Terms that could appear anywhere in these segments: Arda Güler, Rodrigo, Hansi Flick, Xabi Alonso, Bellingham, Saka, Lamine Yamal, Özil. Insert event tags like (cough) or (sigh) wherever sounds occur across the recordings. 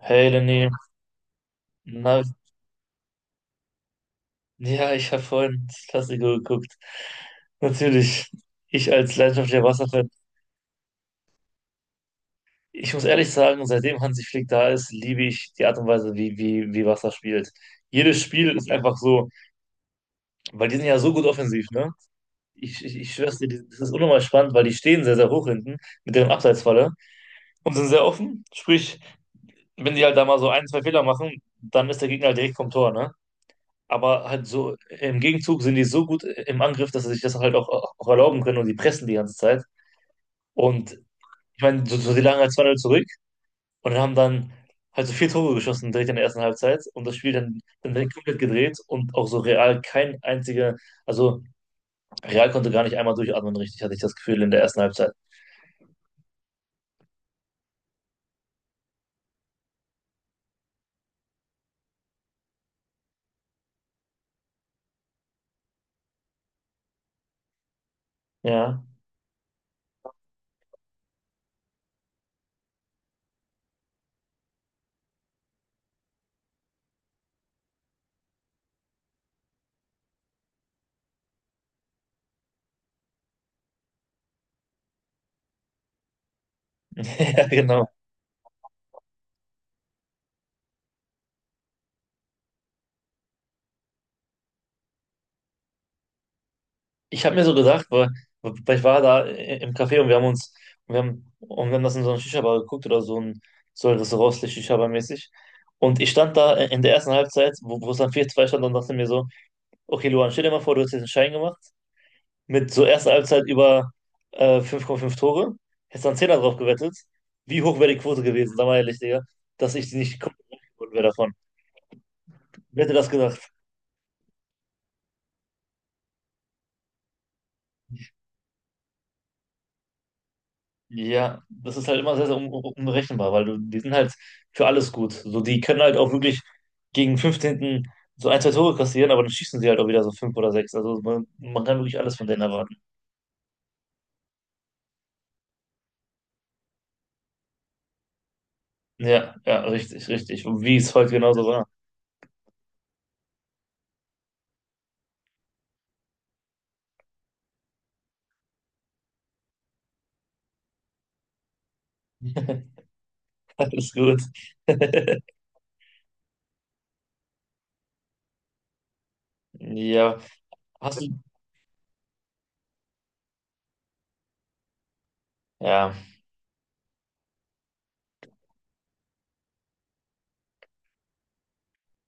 Hey Danny, na, ja, ich habe vorhin das Klassiker geguckt. Natürlich, ich als leidenschaftlicher Wasserfan. Ich muss ehrlich sagen, seitdem Hansi Flick da ist, liebe ich die Art und Weise, wie Wasser spielt. Jedes Spiel ist einfach so, weil die sind ja so gut offensiv, ne? Ich schwör's dir, das ist unnormal spannend, weil die stehen sehr, sehr hoch hinten mit deren Abseitsfalle und sind sehr offen. Sprich, wenn die halt da mal so ein, zwei Fehler machen, dann ist der Gegner halt direkt vom Tor, ne? Aber halt so, im Gegenzug sind die so gut im Angriff, dass sie sich das halt auch erlauben können und die pressen die ganze Zeit. Und ich meine, so, so, die lagen halt zwei 0 zurück und haben dann halt so vier Tore geschossen direkt in der ersten Halbzeit und das Spiel dann direkt komplett gedreht und auch so Real kein einziger, also Real konnte gar nicht einmal durchatmen, richtig, hatte ich das Gefühl in der ersten Halbzeit. Ja, (laughs) ja, genau. Ich habe mir so gedacht, weil ich war da im Café und wir haben uns, und wir haben das in so einer Shisha-Bar geguckt oder so ein rostlich Shisha-Bar-mäßig. Und ich stand da in der ersten Halbzeit, wo es dann vier zwei stand und dachte mir so, okay, Luan, stell dir mal vor, du hättest jetzt einen Schein gemacht mit so erster Halbzeit über 5,5 Tore, hättest dann zehner drauf gewettet. Wie hoch wäre die Quote gewesen, sag mal ehrlich, Digga, dass ich nicht komplett geworden wäre davon. Wer hätte das gedacht? Ja, das ist halt immer sehr, sehr un unberechenbar, weil du, die sind halt für alles gut. So, die können halt auch wirklich gegen 15. so ein, zwei Tore kassieren, aber dann schießen sie halt auch wieder so fünf oder sechs. Also man kann wirklich alles von denen erwarten. Ja, ja, richtig, richtig. Und wie es heute genauso war. (laughs) Alles gut. (laughs) Ja, hast du, ja,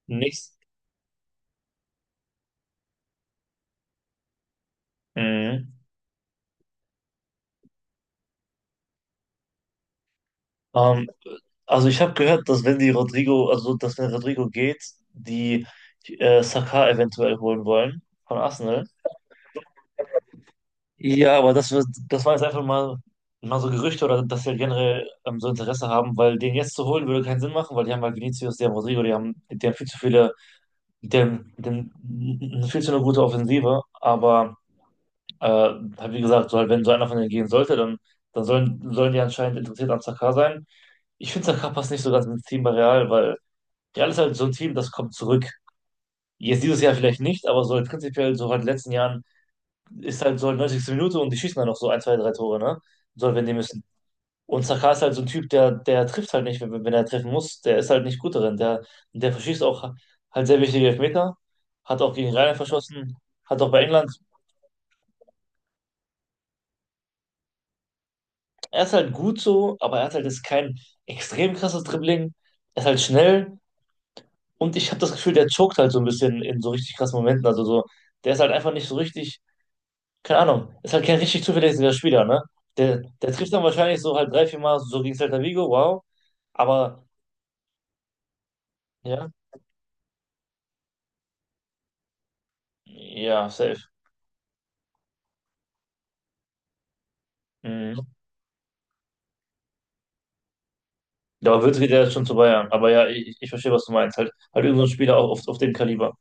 nichts. Mhm. Ähm, also ich habe gehört, dass wenn die Rodrigo, also dass wenn Rodrigo geht, die Saka eventuell holen wollen von Arsenal. Ja, aber das, das war jetzt einfach mal so Gerüchte oder dass wir generell so Interesse haben, weil den jetzt zu holen würde keinen Sinn machen, weil die haben halt Vinicius, die haben Rodrigo, die haben viel zu viele, die haben, die haben viel zu eine gute Offensive, aber halt wie gesagt, so halt, wenn so einer von denen gehen sollte, dann sollen die anscheinend interessiert an Sakar sein. Ich finde, Sakar passt nicht so ganz ins Team bei Real, weil Real ist halt so ein Team, das kommt zurück. Jetzt dieses Jahr vielleicht nicht, aber so halt prinzipiell so halt in den letzten Jahren ist halt so 90. Minute und die schießen dann noch so ein, zwei, drei Tore, ne? Soll, wenn die müssen. Und Saka ist halt so ein Typ, der trifft halt nicht, wenn er treffen muss. Der ist halt nicht gut darin. Der verschießt auch halt sehr wichtige Elfmeter. Hat auch gegen Rainer verschossen. Hat auch bei England. Er ist halt gut so, aber er hat halt jetzt kein extrem krasses Dribbling. Er ist halt schnell. Und ich habe das Gefühl, der choked halt so ein bisschen in so richtig krassen Momenten. Also so, der ist halt einfach nicht so richtig keine Ahnung, ist halt kein richtig zuverlässiger Spieler, ne? Der trifft dann wahrscheinlich so halt drei, vier Mal so gegen Celta Vigo, wow. Aber ja, ja, safe. Mhm. Da wird wieder schon zu Bayern. Aber ja, ich verstehe, was du meinst. Halt irgendein Spieler auch auf dem Kaliber.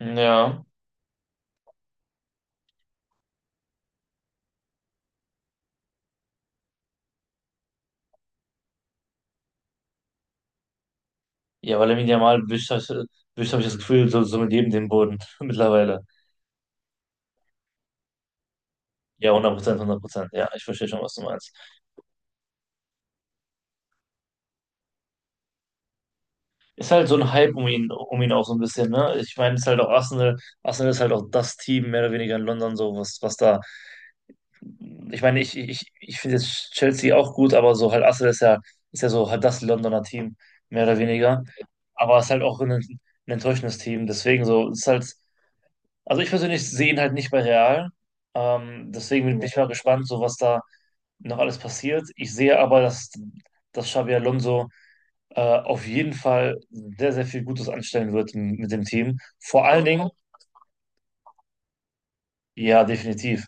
Mhm, ja. Ja, weil Lamine Yamal wischt, wischt habe ich das Gefühl, so, so mit jedem den Boden (laughs) mittlerweile. Ja, 100%, 100%. Ja, ich verstehe schon, was du meinst. Ist halt so ein Hype um ihn auch so ein bisschen, ne? Ich meine, es ist halt auch Arsenal. Arsenal ist halt auch das Team, mehr oder weniger in London, so was da. Ich meine, ich finde jetzt Chelsea auch gut, aber so halt Arsenal ist ja so halt das Londoner Team, mehr oder weniger. Aber es ist halt auch ein enttäuschendes Team. Deswegen so, es ist halt, also ich persönlich sehe ihn halt nicht bei Real. Deswegen bin ich mal gespannt, so was da noch alles passiert. Ich sehe aber, dass Xabi Alonso auf jeden Fall sehr, sehr viel Gutes anstellen wird mit dem Team. Vor allen Dingen, ja, definitiv.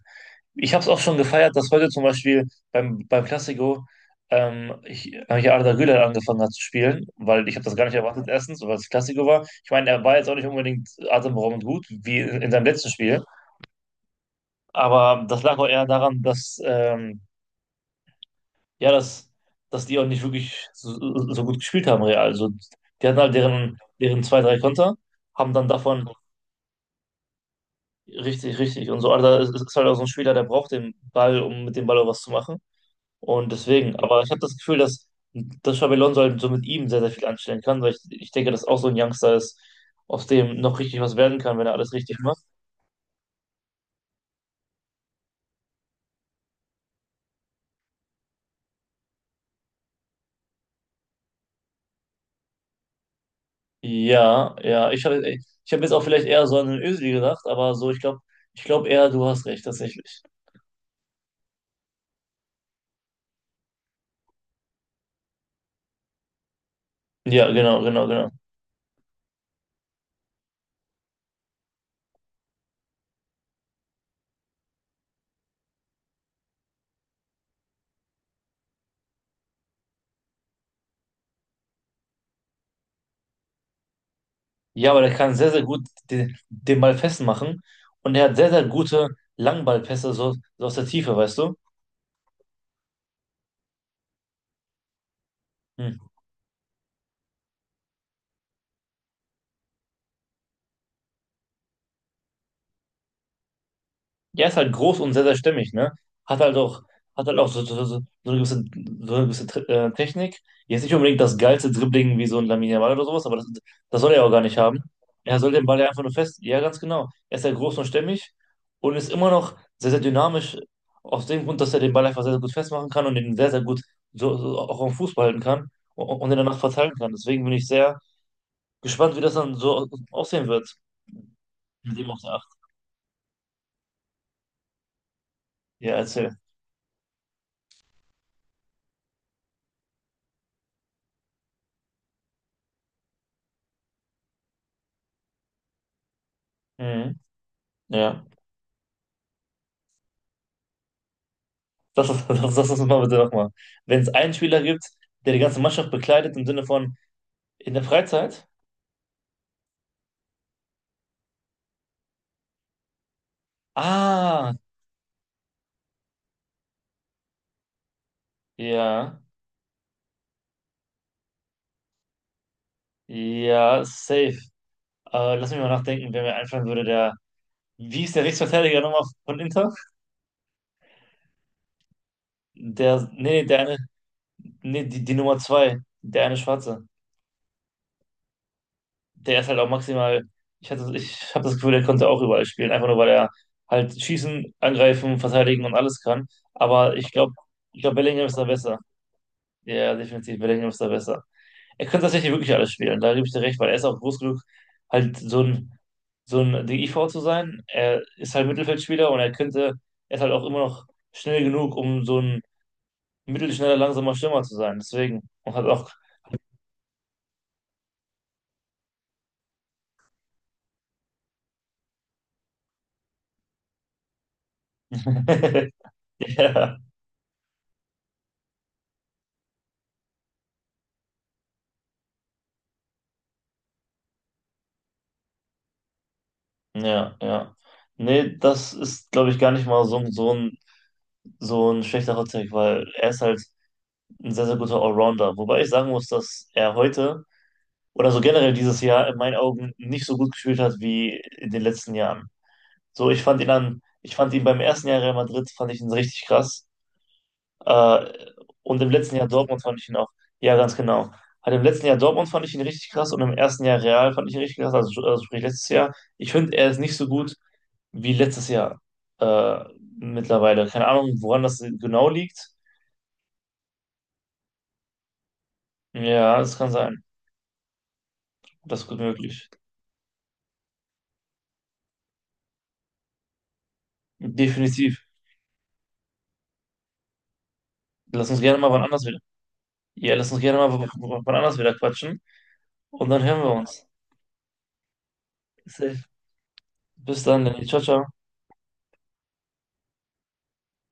Ich habe es auch schon gefeiert, dass heute zum Beispiel beim Classico hier Arda Güler angefangen hat zu spielen, weil ich habe das gar nicht erwartet, erstens, weil es Classico war. Ich meine, er war jetzt auch nicht unbedingt atemberaubend gut, wie in seinem letzten Spiel, aber das lag auch eher daran, ja, dass, dass die auch nicht wirklich so, so gut gespielt haben, Real. Also, die hatten halt deren zwei, drei Konter, haben dann davon richtig, richtig und so. Arda ist halt auch so ein Spieler, der braucht den Ball, um mit dem Ball auch was zu machen. Und deswegen, aber ich habe das Gefühl, dass Xabi Alonso halt so mit ihm sehr, sehr viel anstellen kann, weil ich denke, dass auch so ein Youngster ist, aus dem noch richtig was werden kann, wenn er alles richtig macht. Ja, ja, ich hab jetzt auch vielleicht eher so an den Özil gedacht, aber so, ich glaube eher, du hast recht, tatsächlich. Ja, genau, genau, genau. Ja, aber der kann sehr, sehr gut den Ball festmachen und er hat sehr, sehr gute Langballpässe so, so aus der Tiefe, weißt du? Hm. Ja, ist halt groß und sehr, sehr stimmig, ne? Hat halt auch, Hat halt auch so, so, so, so eine gewisse Technik. Jetzt nicht unbedingt das geilste Dribbling wie so ein Lamine Yamal oder sowas, aber das soll er ja auch gar nicht haben. Er soll den Ball ja einfach nur fest. Ja, ganz genau. Er ist ja groß und stämmig und ist immer noch sehr, sehr dynamisch, aus dem Grund, dass er den Ball einfach sehr, sehr gut festmachen kann und den sehr, sehr gut so, so auch am Fuß behalten kann und den danach verteilen kann. Deswegen bin ich sehr gespannt, wie das dann so aussehen wird mit dem auf der Acht. Ja, erzähl. Mhm. Ja. (laughs) Das müssen wir bitte nochmal. Wenn es einen Spieler gibt, der die ganze Mannschaft bekleidet im Sinne von in der Freizeit? Ah, ja, ja, safe. Lass mich mal nachdenken, wer mir einfallen würde, wie ist der Rechtsverteidiger nochmal von Inter? Der, nee, nee, der eine, nee, die, die Nummer zwei, der eine Schwarze. Der ist halt auch maximal, ich habe das Gefühl, der konnte auch überall spielen, einfach nur weil er halt schießen, angreifen, verteidigen und alles kann. Aber ich glaube, Bellingham ist da besser. Ja, ja, definitiv. Bellingham ist da besser. Er könnte tatsächlich wirklich alles spielen, da gebe ich dir recht, weil er ist auch groß genug, halt so ein DIV zu sein. Er ist halt Mittelfeldspieler und er ist halt auch immer noch schnell genug, um so ein mittelschneller, langsamer Stürmer zu sein. Deswegen, und hat auch. (laughs) Ja, ja, ja. Nee, das ist, glaube ich, gar nicht mal so, so ein schlechter Hot Take, weil er ist halt ein sehr, sehr guter Allrounder. Wobei ich sagen muss, dass er heute oder so generell dieses Jahr in meinen Augen nicht so gut gespielt hat wie in den letzten Jahren. So, ich fand ihn beim ersten Jahr Real Madrid, fand ich ihn richtig krass. Äh, und im letzten Jahr Dortmund fand ich ihn auch, ja, ganz genau. Halt im letzten Jahr Dortmund fand ich ihn richtig krass und im ersten Jahr Real fand ich ihn richtig krass, also sprich letztes Jahr. Ich finde, er ist nicht so gut wie letztes Jahr äh, mittlerweile. Keine Ahnung, woran das genau liegt. Ja, das kann sein. Das ist gut möglich. Definitiv. Lass uns gerne mal wann anders. Ja, lass uns gerne mal wann anders wieder quatschen und dann hören wir uns. Safe. Bis dann, Lenny. Ciao, ciao.